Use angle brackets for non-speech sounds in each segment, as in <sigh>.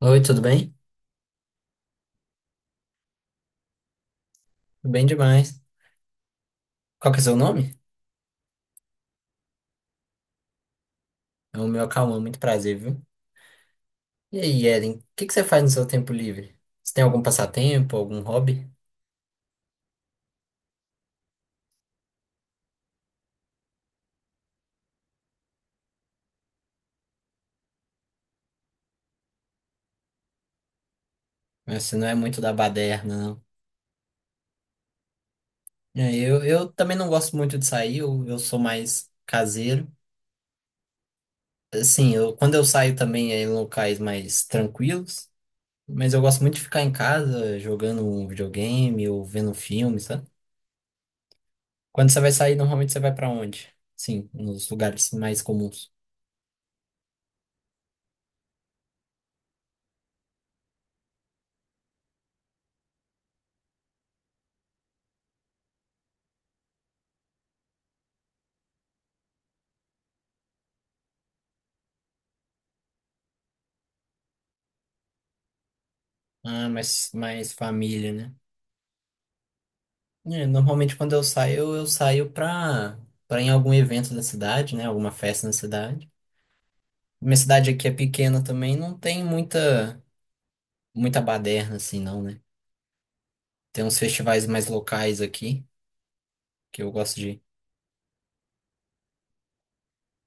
Oi, tudo bem? Tudo bem demais. Qual que é o seu nome? É o meu Cauã, muito prazer, viu? E aí, Ellen, o que que você faz no seu tempo livre? Você tem algum passatempo, algum hobby? Mas você não é muito da baderna, não. É, Eu também não gosto muito de sair, eu sou mais caseiro. Assim, eu, quando eu saio também é em locais mais tranquilos, mas eu gosto muito de ficar em casa jogando um videogame ou vendo um filme, sabe? Quando você vai sair, normalmente você vai pra onde? Sim, nos lugares mais comuns. Ah, mais família, né? É, normalmente quando eu saio pra, em algum evento da cidade, né? Alguma festa na cidade. Minha cidade aqui é pequena também, não tem muita, muita baderna assim, não, né? Tem uns festivais mais locais aqui, que eu gosto de ir.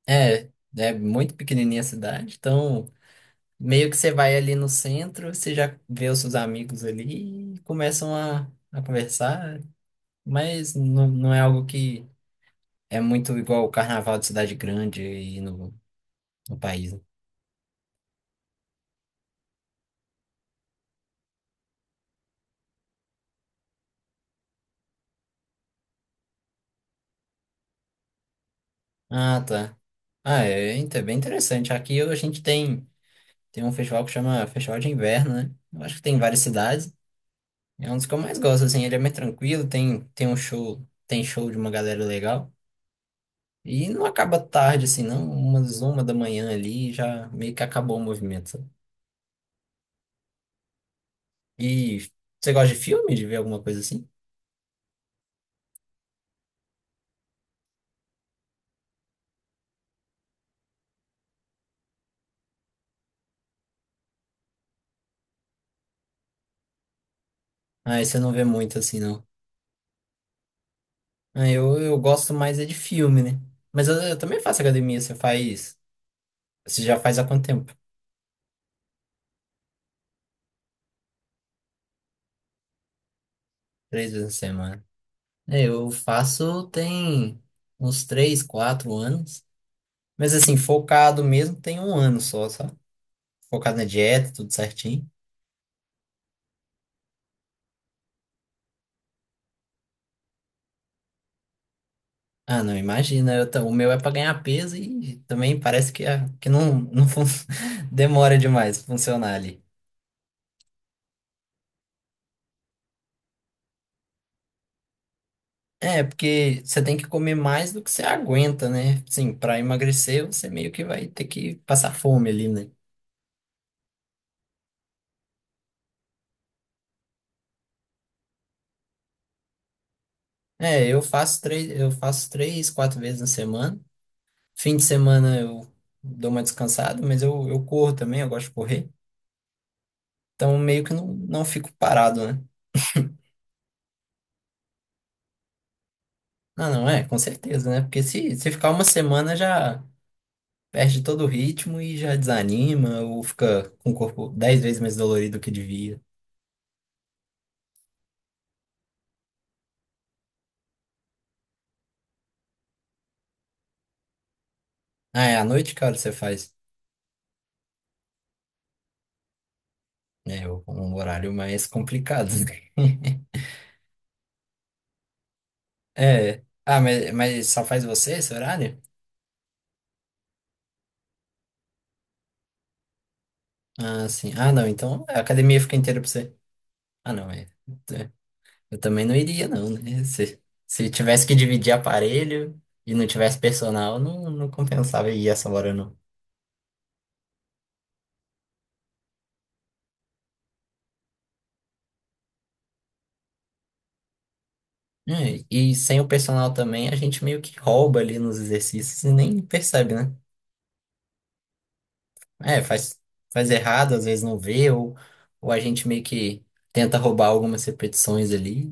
É, é muito pequenininha a cidade, então meio que você vai ali no centro, você já vê os seus amigos ali e começam a conversar, mas não, não é algo que é muito igual o carnaval de cidade grande e no país, né? Ah, tá. Ah, é, bem interessante. Aqui a gente tem, um festival que chama Festival de Inverno, né? Eu acho que tem em várias cidades. É um dos que eu mais gosto, assim. Ele é mais tranquilo, tem um show, tem show de uma galera legal. E não acaba tarde, assim, não. Umas uma da manhã ali já meio que acabou o movimento, sabe? E você gosta de filme, de ver alguma coisa assim? Ah, esse você não vê muito, assim, não. Ah, Eu gosto mais é de filme, né? Mas eu também faço academia. Você faz. Você já faz há quanto tempo? Três vezes na semana. É, eu faço tem uns três, quatro anos. Mas assim, focado mesmo tem um ano só, sabe? Focado na dieta, tudo certinho. Ah, não, imagina. Eu o meu é pra ganhar peso e também parece que, que não, <laughs> demora demais pra funcionar ali. É, porque você tem que comer mais do que você aguenta, né? Sim, para emagrecer você meio que vai ter que passar fome ali, né? É, eu faço três, quatro vezes na semana. Fim de semana eu dou uma descansada, mas eu corro também, eu gosto de correr. Então meio que não fico parado, né? Ah, não, é, com certeza, né? Porque se ficar uma semana já perde todo o ritmo e já desanima ou fica com o corpo 10 vezes mais dolorido do que devia. Ah, é, à noite, cara, você faz. É um horário mais complicado. <laughs> É. Ah, mas só faz você esse horário? Ah, sim. Ah, não. Então a academia fica inteira pra você. Ah, não. É, eu também não iria, não, né? Se tivesse que dividir aparelho e não tivesse personal, não compensava ir essa hora, não. É, e sem o personal também, a gente meio que rouba ali nos exercícios e nem percebe, né? É, faz errado, às vezes não vê, ou a gente meio que tenta roubar algumas repetições ali.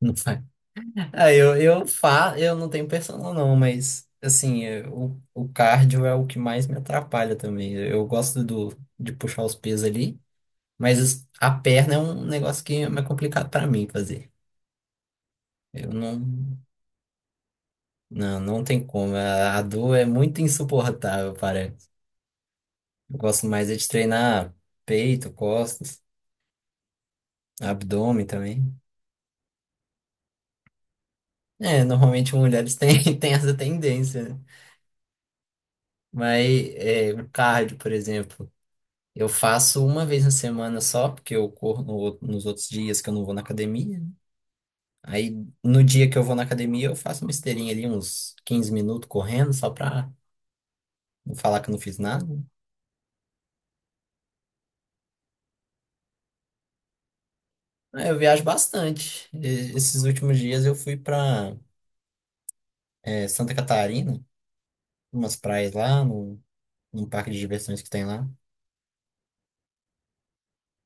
Não faz. Ah, eu não tenho personal, não, mas assim, o cardio é o que mais me atrapalha também. Eu gosto do, de puxar os pesos ali, mas a perna é um negócio que é mais complicado pra mim fazer. Eu não. Não, não tem como. A dor é muito insuportável, parece. Eu gosto mais é de treinar peito, costas, abdômen também. É, normalmente mulheres têm, <laughs> têm essa tendência, né? Mas é, o cardio, por exemplo. Eu faço uma vez na semana só, porque eu corro no outro- nos outros dias que eu não vou na academia, né? Aí, no dia que eu vou na academia, eu faço uma esteirinha ali, uns 15 minutos correndo, só pra não falar que eu não fiz nada. Aí eu viajo bastante. Esses últimos dias eu fui pra, Santa Catarina, umas praias lá, no, num parque de diversões que tem lá.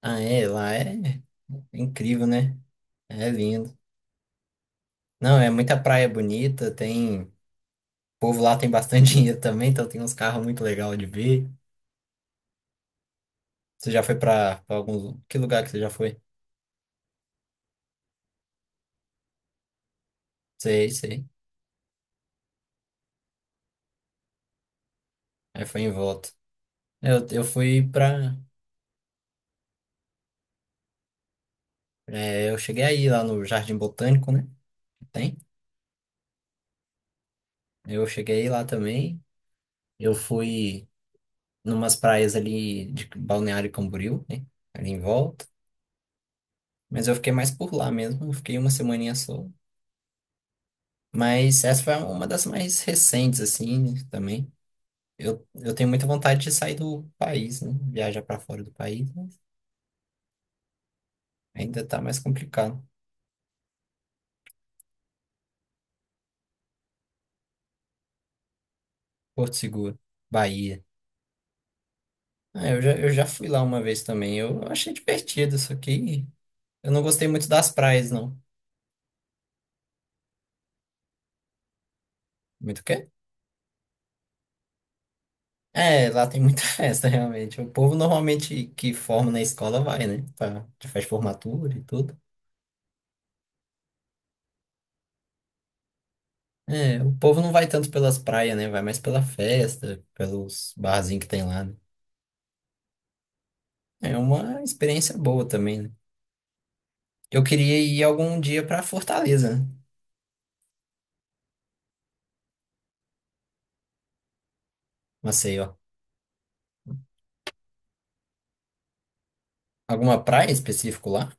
Ah, é, lá é incrível, né? É lindo. Não, é muita praia bonita, tem... O povo lá tem bastante <laughs> dinheiro também, então tem uns carros muito legais de ver. Você já foi pra algum. Que lugar que você já foi? Sei, sei. Aí foi em volta. Eu fui pra. Eu cheguei aí lá no Jardim Botânico, né? Que tem. Eu cheguei lá também. Eu fui numas praias ali de Balneário Camboriú, né? Ali em volta. Mas eu fiquei mais por lá mesmo. Eu fiquei uma semaninha só. Mas essa foi uma das mais recentes, assim, também. Eu tenho muita vontade de sair do país, né? Viajar pra fora do país, mas ainda tá mais complicado. Porto Seguro, Bahia. Ah, eu já fui lá uma vez também. Eu achei divertido, só que eu não gostei muito das praias, não. Muito o quê? É, lá tem muita <laughs> festa, realmente. O povo normalmente que forma na escola vai, né? Pra, de festa de formatura e tudo. É, o povo não vai tanto pelas praias, né? Vai mais pela festa, pelos barzinhos que tem lá, né? É uma experiência boa também, né? Eu queria ir algum dia pra Fortaleza, né? Maceió. Alguma praia em específico lá?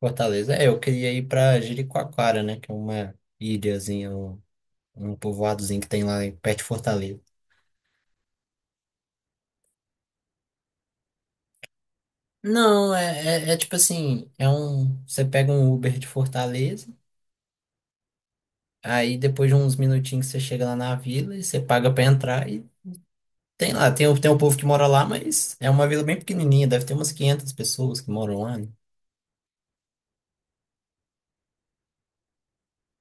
Fortaleza. É, eu queria ir pra Jericoacoara, né? Que é uma ilhazinha, um povoadozinho que tem lá perto de Fortaleza. Não, é tipo assim, é um. Você pega um Uber de Fortaleza, aí depois de uns minutinhos você chega lá na vila e você paga pra entrar e tem lá, tem um povo que mora lá, mas é uma vila bem pequenininha, deve ter umas 500 pessoas que moram lá, né?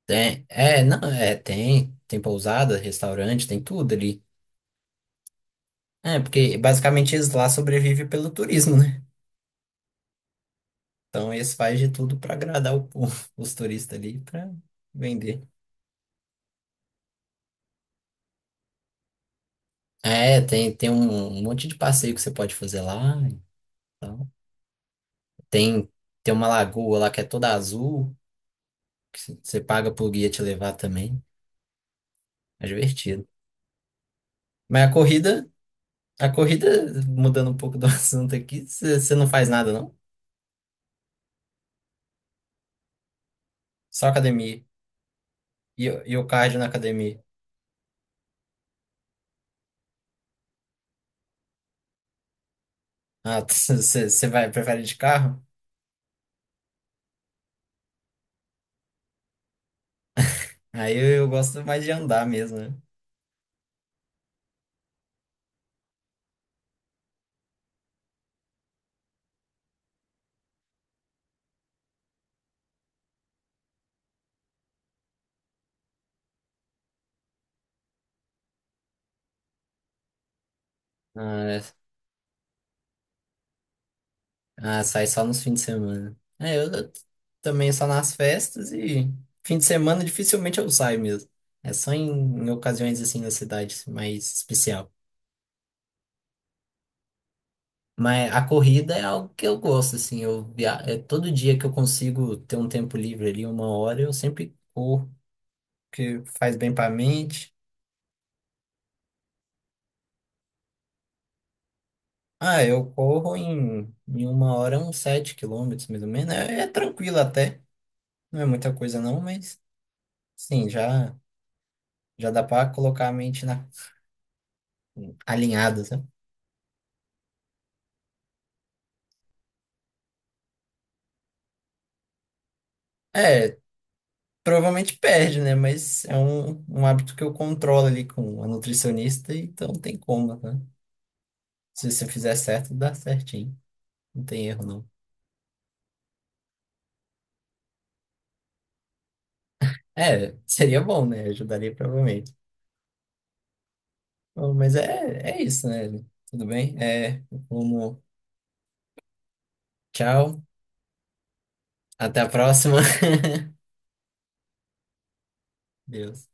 Tem, é, não, é, tem pousada, restaurante, tem tudo ali. É, porque basicamente eles lá sobrevivem pelo turismo, né? Então eles fazem de tudo para agradar o povo, <laughs> os turistas ali, para vender. É, tem um monte de passeio que você pode fazer lá. Então. Tem, tem uma lagoa lá que é toda azul, que você paga pro guia te levar também. É divertido. Mas a corrida, a corrida, mudando um pouco do <laughs> assunto aqui, você não faz nada, não? Só academia. E o cardio na academia. Ah, <laughs> você vai, prefere de carro? Aí eu gosto mais de andar mesmo, né? Ah, sai só nos fins de semana. É, eu também só nas festas e fim de semana dificilmente eu saio mesmo. É só em ocasiões assim na cidade assim, mais especial. Mas a corrida é algo que eu gosto, assim, é todo dia que eu consigo ter um tempo livre ali, uma hora, eu sempre corro, porque faz bem para a mente. Ah, eu corro em uma hora uns 7 quilômetros, mais ou menos. É tranquilo até, não é muita coisa não, mas sim, já dá para colocar a mente na alinhadas, né? É, provavelmente perde, né? Mas é um hábito que eu controlo ali com a nutricionista, então não tem como, né? Se você fizer certo, dá certinho. Não tem erro, não. É, seria bom, né? Ajudaria provavelmente. Bom, mas é isso, né? Tudo bem? É, como, tchau, até a próxima. <laughs> Deus.